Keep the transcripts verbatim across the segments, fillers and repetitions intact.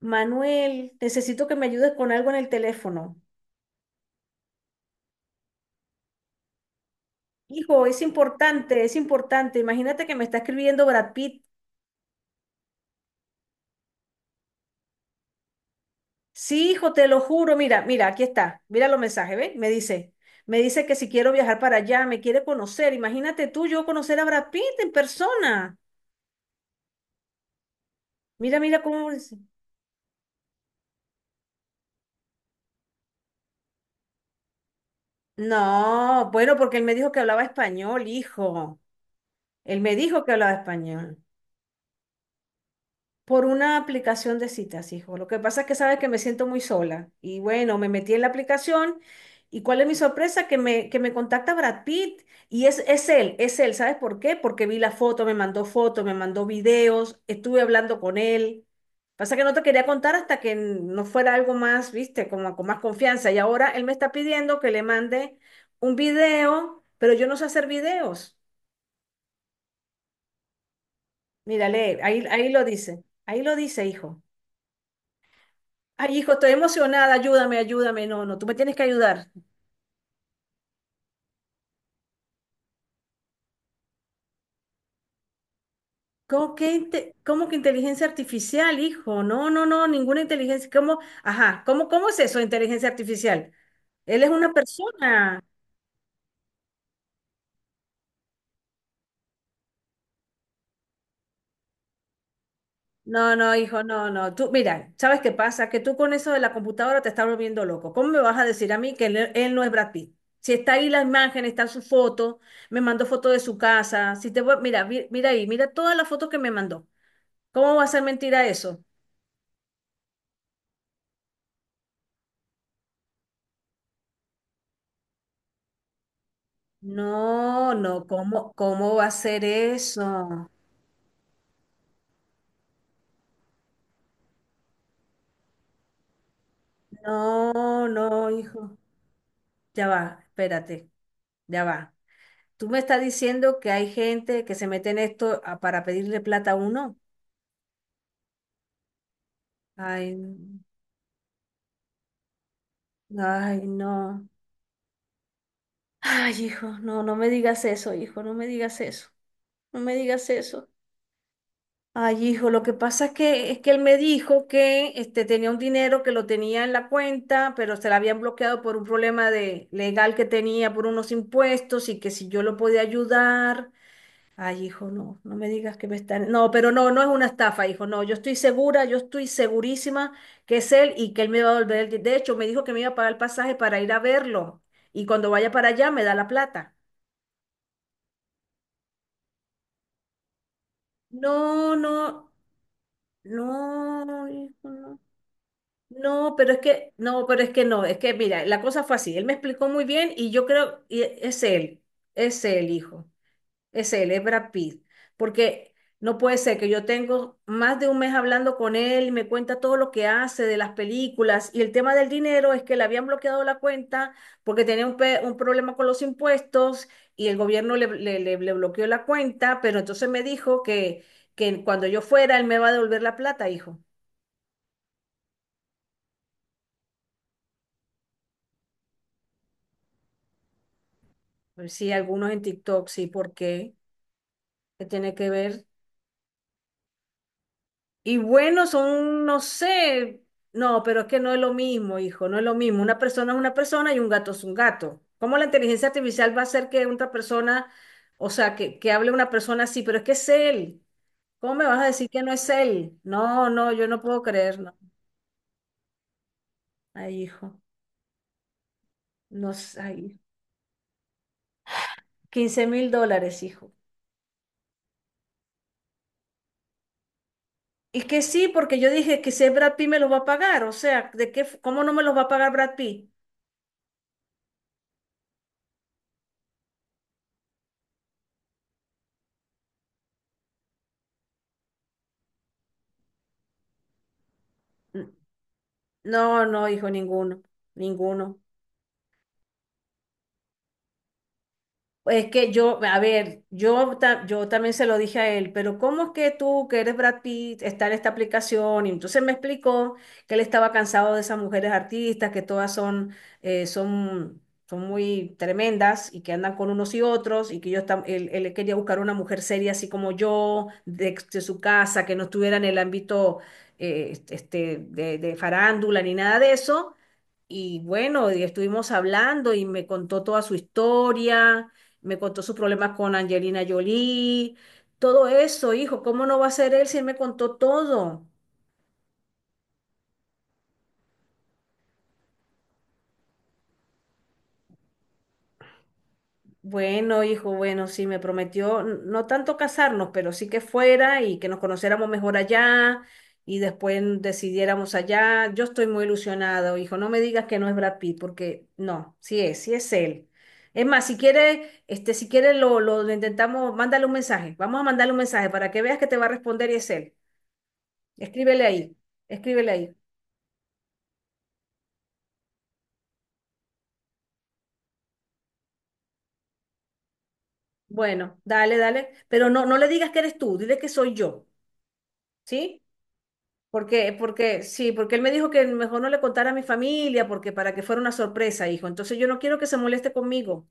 Manuel, necesito que me ayudes con algo en el teléfono. Hijo, es importante, es importante. Imagínate que me está escribiendo Brad Pitt. Sí, hijo, te lo juro. Mira, mira, aquí está. Mira los mensajes, ¿ves? Me dice, me dice que si quiero viajar para allá, me quiere conocer. Imagínate tú, yo conocer a Brad Pitt en persona. Mira, mira cómo dice. No, bueno, porque él me dijo que hablaba español, hijo. Él me dijo que hablaba español. Por una aplicación de citas, hijo. Lo que pasa es que sabes que me siento muy sola. Y bueno, me metí en la aplicación y cuál es mi sorpresa, que me, que me contacta Brad Pitt. Y es, es él, es él. ¿Sabes por qué? Porque vi la foto, me mandó fotos, me mandó videos, estuve hablando con él. Pasa que no te quería contar hasta que no fuera algo más, viste, como con más confianza. Y ahora él me está pidiendo que le mande un video, pero yo no sé hacer videos. Mírale, ahí, ahí lo dice, ahí lo dice, hijo. Ay, hijo, estoy emocionada, ayúdame, ayúdame. No, no, tú me tienes que ayudar. ¿Cómo que, inte- cómo que inteligencia artificial, hijo? No, no, no, ninguna inteligencia. ¿Cómo? Ajá, ¿cómo, cómo es eso, inteligencia artificial? Él es una persona. No, no, hijo, no, no. Tú, mira, ¿sabes qué pasa? Que tú con eso de la computadora te estás volviendo loco. ¿Cómo me vas a decir a mí que él, él no es Brad Pitt? Si está ahí la imagen, está su foto, me mandó foto de su casa. Si te, voy- mira, vi- mira ahí, mira todas las fotos que me mandó. ¿Cómo va a ser mentira eso? No, no, ¿cómo, cómo va a ser eso? No, no, hijo. Ya va, espérate, ya va. ¿Tú me estás diciendo que hay gente que se mete en esto a- para pedirle plata a uno? Ay, ay, no. Ay, hijo, no, no me digas eso, hijo, no me digas eso. No me digas eso. Ay, hijo, lo que pasa es que, es que él me dijo que este, tenía un dinero que lo tenía en la cuenta, pero se la habían bloqueado por un problema de, legal que tenía por unos impuestos y que si yo lo podía ayudar. Ay, hijo, no, no me digas que me están... No, pero no, no es una estafa, hijo, no, yo estoy segura, yo estoy segurísima que es él y que él me va a devolver. el... di- De hecho, me dijo que me iba a pagar el pasaje para ir a verlo y cuando vaya para allá me da la plata. No, no, no, hijo, no. No, pero es que, no, pero es que no, es que mira, la cosa fue así, él me explicó muy bien y yo creo, y e, es él, es él, hijo, es él, es Brad Pitt, porque no puede ser que yo tengo más de un mes hablando con él y me cuenta todo lo que hace de las películas. Y el tema del dinero es que le habían bloqueado la cuenta porque tenía un, pe- un problema con los impuestos y el gobierno le, le, le- le bloqueó la cuenta, pero entonces me dijo que, que cuando yo fuera él me va a devolver la plata, hijo. Pues sí, algunos en TikTok, sí, ¿por qué? ¿Qué tiene que ver? Y bueno, son, no sé, no, pero es que no es lo mismo, hijo, no es lo mismo. Una persona es una persona y un gato es un gato. ¿Cómo la inteligencia artificial va a hacer que otra persona, o sea, que, que hable una persona así, pero es que es él? ¿Cómo me vas a decir que no es él? No, no, yo no puedo creer, no. Ay, hijo, no sé, ay, quince mil dólares, hijo. Y que sí, porque yo dije que si es Brad Pitt me los va a pagar, o sea, ¿de qué, f- cómo no me los va a pagar Brad Pitt? No, no, hijo, ninguno, ninguno. Es que yo, a ver, yo, ta- yo también se lo dije a él, pero ¿cómo es que tú, que eres Brad Pitt, está en esta aplicación? Y entonces me explicó que él estaba cansado de esas mujeres artistas, que todas son, eh, son, son muy tremendas y que andan con unos y otros, y que yo tam- él, él quería buscar una mujer seria así como yo, de, de su casa, que no estuviera en el ámbito eh, este, de de farándula ni nada de eso. Y bueno, y estuvimos hablando y me contó toda su historia. Me contó sus problemas con Angelina Jolie, todo eso, hijo. ¿Cómo no va a ser él si él me contó todo? Bueno, hijo, bueno, sí, me prometió n- no tanto casarnos, pero sí que fuera y que nos conociéramos mejor allá y después decidiéramos allá. Yo estoy muy ilusionado, hijo. No me digas que no es Brad Pitt, porque no, sí es, sí es él. Es más, si quiere, este, si quiere lo, lo intentamos, mándale un mensaje. Vamos a mandarle un mensaje para que veas que te va a responder y es él. Escríbele ahí, escríbele ahí. Bueno, dale, dale, pero no, no le digas que eres tú, dile que soy yo, ¿sí? Porque, porque, sí, porque él me dijo que mejor no le contara a mi familia, porque para que fuera una sorpresa, hijo. Entonces yo no quiero que se moleste conmigo.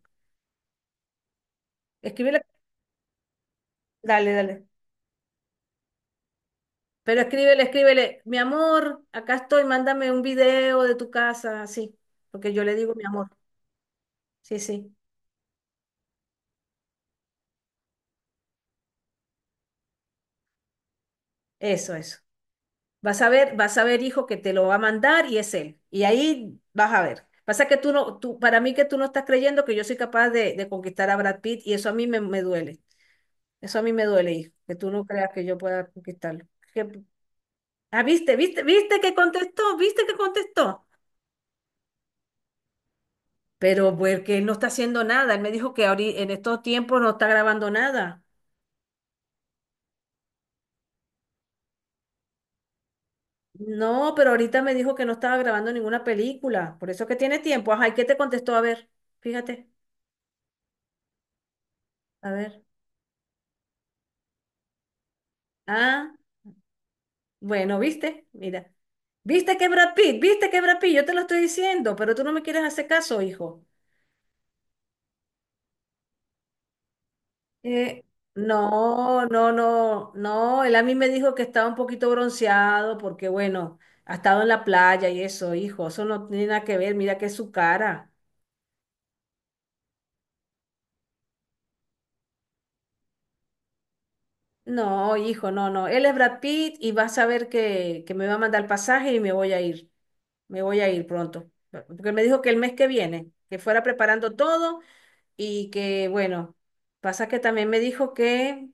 Escríbele, dale, dale. Pero escríbele, escríbele, mi amor, acá estoy, mándame un video de tu casa, así, porque yo le digo mi amor. Sí, sí, eso, eso. Vas a ver, vas a ver, hijo, que te lo va a mandar y es él. Y ahí vas a ver. Pasa que tú no, tú, para mí que tú no estás creyendo que yo soy capaz de, de conquistar a Brad Pitt y eso a mí me, me duele. Eso a mí me duele, hijo, que tú no creas que yo pueda conquistarlo. Que- ah, viste, viste, viste que contestó, viste que contestó. Pero porque él no está haciendo nada. Él me dijo que ahorita, en estos tiempos no está grabando nada. No, pero ahorita me dijo que no estaba grabando ninguna película. Por eso que tiene tiempo. Ajá, ¿y qué te contestó? A ver, fíjate. A ver. Ah. Bueno, ¿viste? Mira. ¿Viste que Brad Pitt? ¿Viste que Brad Pitt? Yo te lo estoy diciendo, pero tú no me quieres hacer caso, hijo. Eh, no, no, no, no. Él a mí me dijo que estaba un poquito bronceado porque, bueno, ha estado en la playa y eso, hijo. Eso no tiene nada que ver. Mira que es su cara. No, hijo, no, no. Él es Brad Pitt y vas a ver que, que me va a mandar el pasaje y me voy a ir. Me voy a ir pronto. Porque me dijo que el mes que viene, que fuera preparando todo y que, bueno, pasa que también me dijo que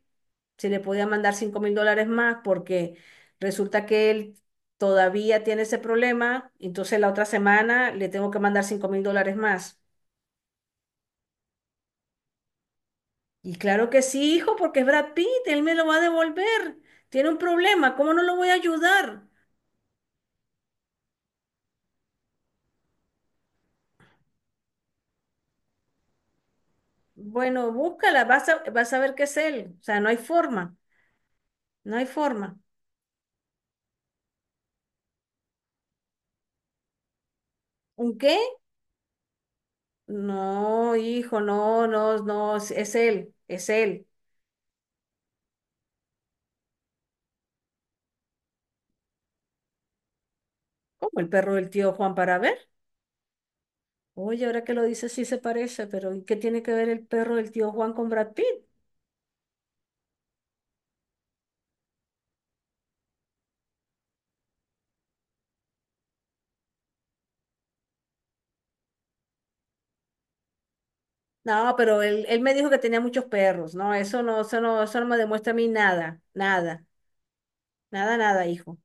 se le podía mandar cinco mil dólares más porque resulta que él todavía tiene ese problema, entonces la otra semana le tengo que mandar cinco mil dólares más. Y claro que sí, hijo, porque es Brad Pitt, él me lo va a devolver. Tiene un problema, ¿cómo no lo voy a ayudar? Bueno, búscala, vas a, vas a ver qué es él. O sea, no hay forma, no hay forma. ¿Un qué? No, hijo, no, no, no, es es él, es él. ¿Cómo el perro del tío Juan para ver? Oye, ahora que lo dices sí se parece, pero ¿y qué tiene que ver el perro del tío Juan con Brad Pitt? No, pero él, él me dijo que tenía muchos perros. No, eso no, eso no, eso no me demuestra a mí nada, nada, nada, nada, hijo.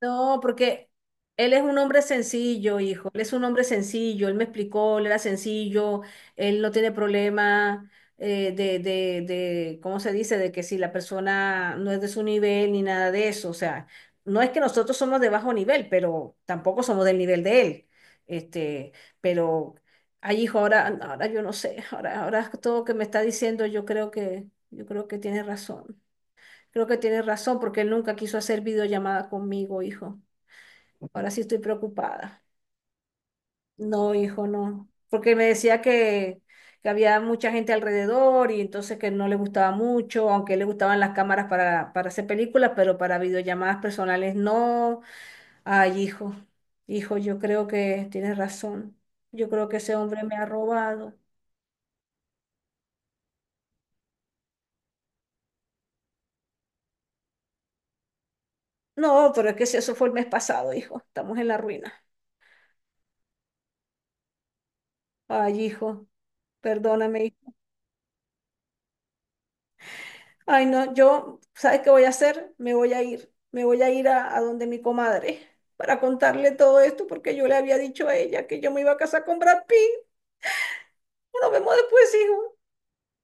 No, porque él es un hombre sencillo, hijo. Él es un hombre sencillo. Él me explicó, él era sencillo. Él no tiene problema eh, de, de, de, ¿cómo se dice? De que si la persona no es de su nivel ni nada de eso. O sea, no es que nosotros somos de bajo nivel, pero tampoco somos del nivel de él. Este, pero, ay, hijo, ahora, ahora yo no sé. Ahora, ahora todo que me está diciendo, yo creo que, yo creo que tiene razón. Creo que tiene razón porque él nunca quiso hacer videollamada conmigo, hijo. Ahora sí estoy preocupada. No, hijo, no. Porque me decía que, que había mucha gente alrededor y entonces que no le gustaba mucho, aunque le gustaban las cámaras para, para, hacer películas, pero para videollamadas personales no. Ay, hijo, hijo, yo creo que tienes razón. Yo creo que ese hombre me ha robado. No, pero es que si eso fue el mes pasado, hijo. Estamos en la ruina. Ay, hijo, perdóname, hijo. Ay, no, yo, ¿sabes qué voy a hacer? Me voy a ir, me voy a ir a, a donde mi comadre para contarle todo esto porque yo le había dicho a ella que yo me iba a casar con Brad Pitt. Nos vemos después, hijo.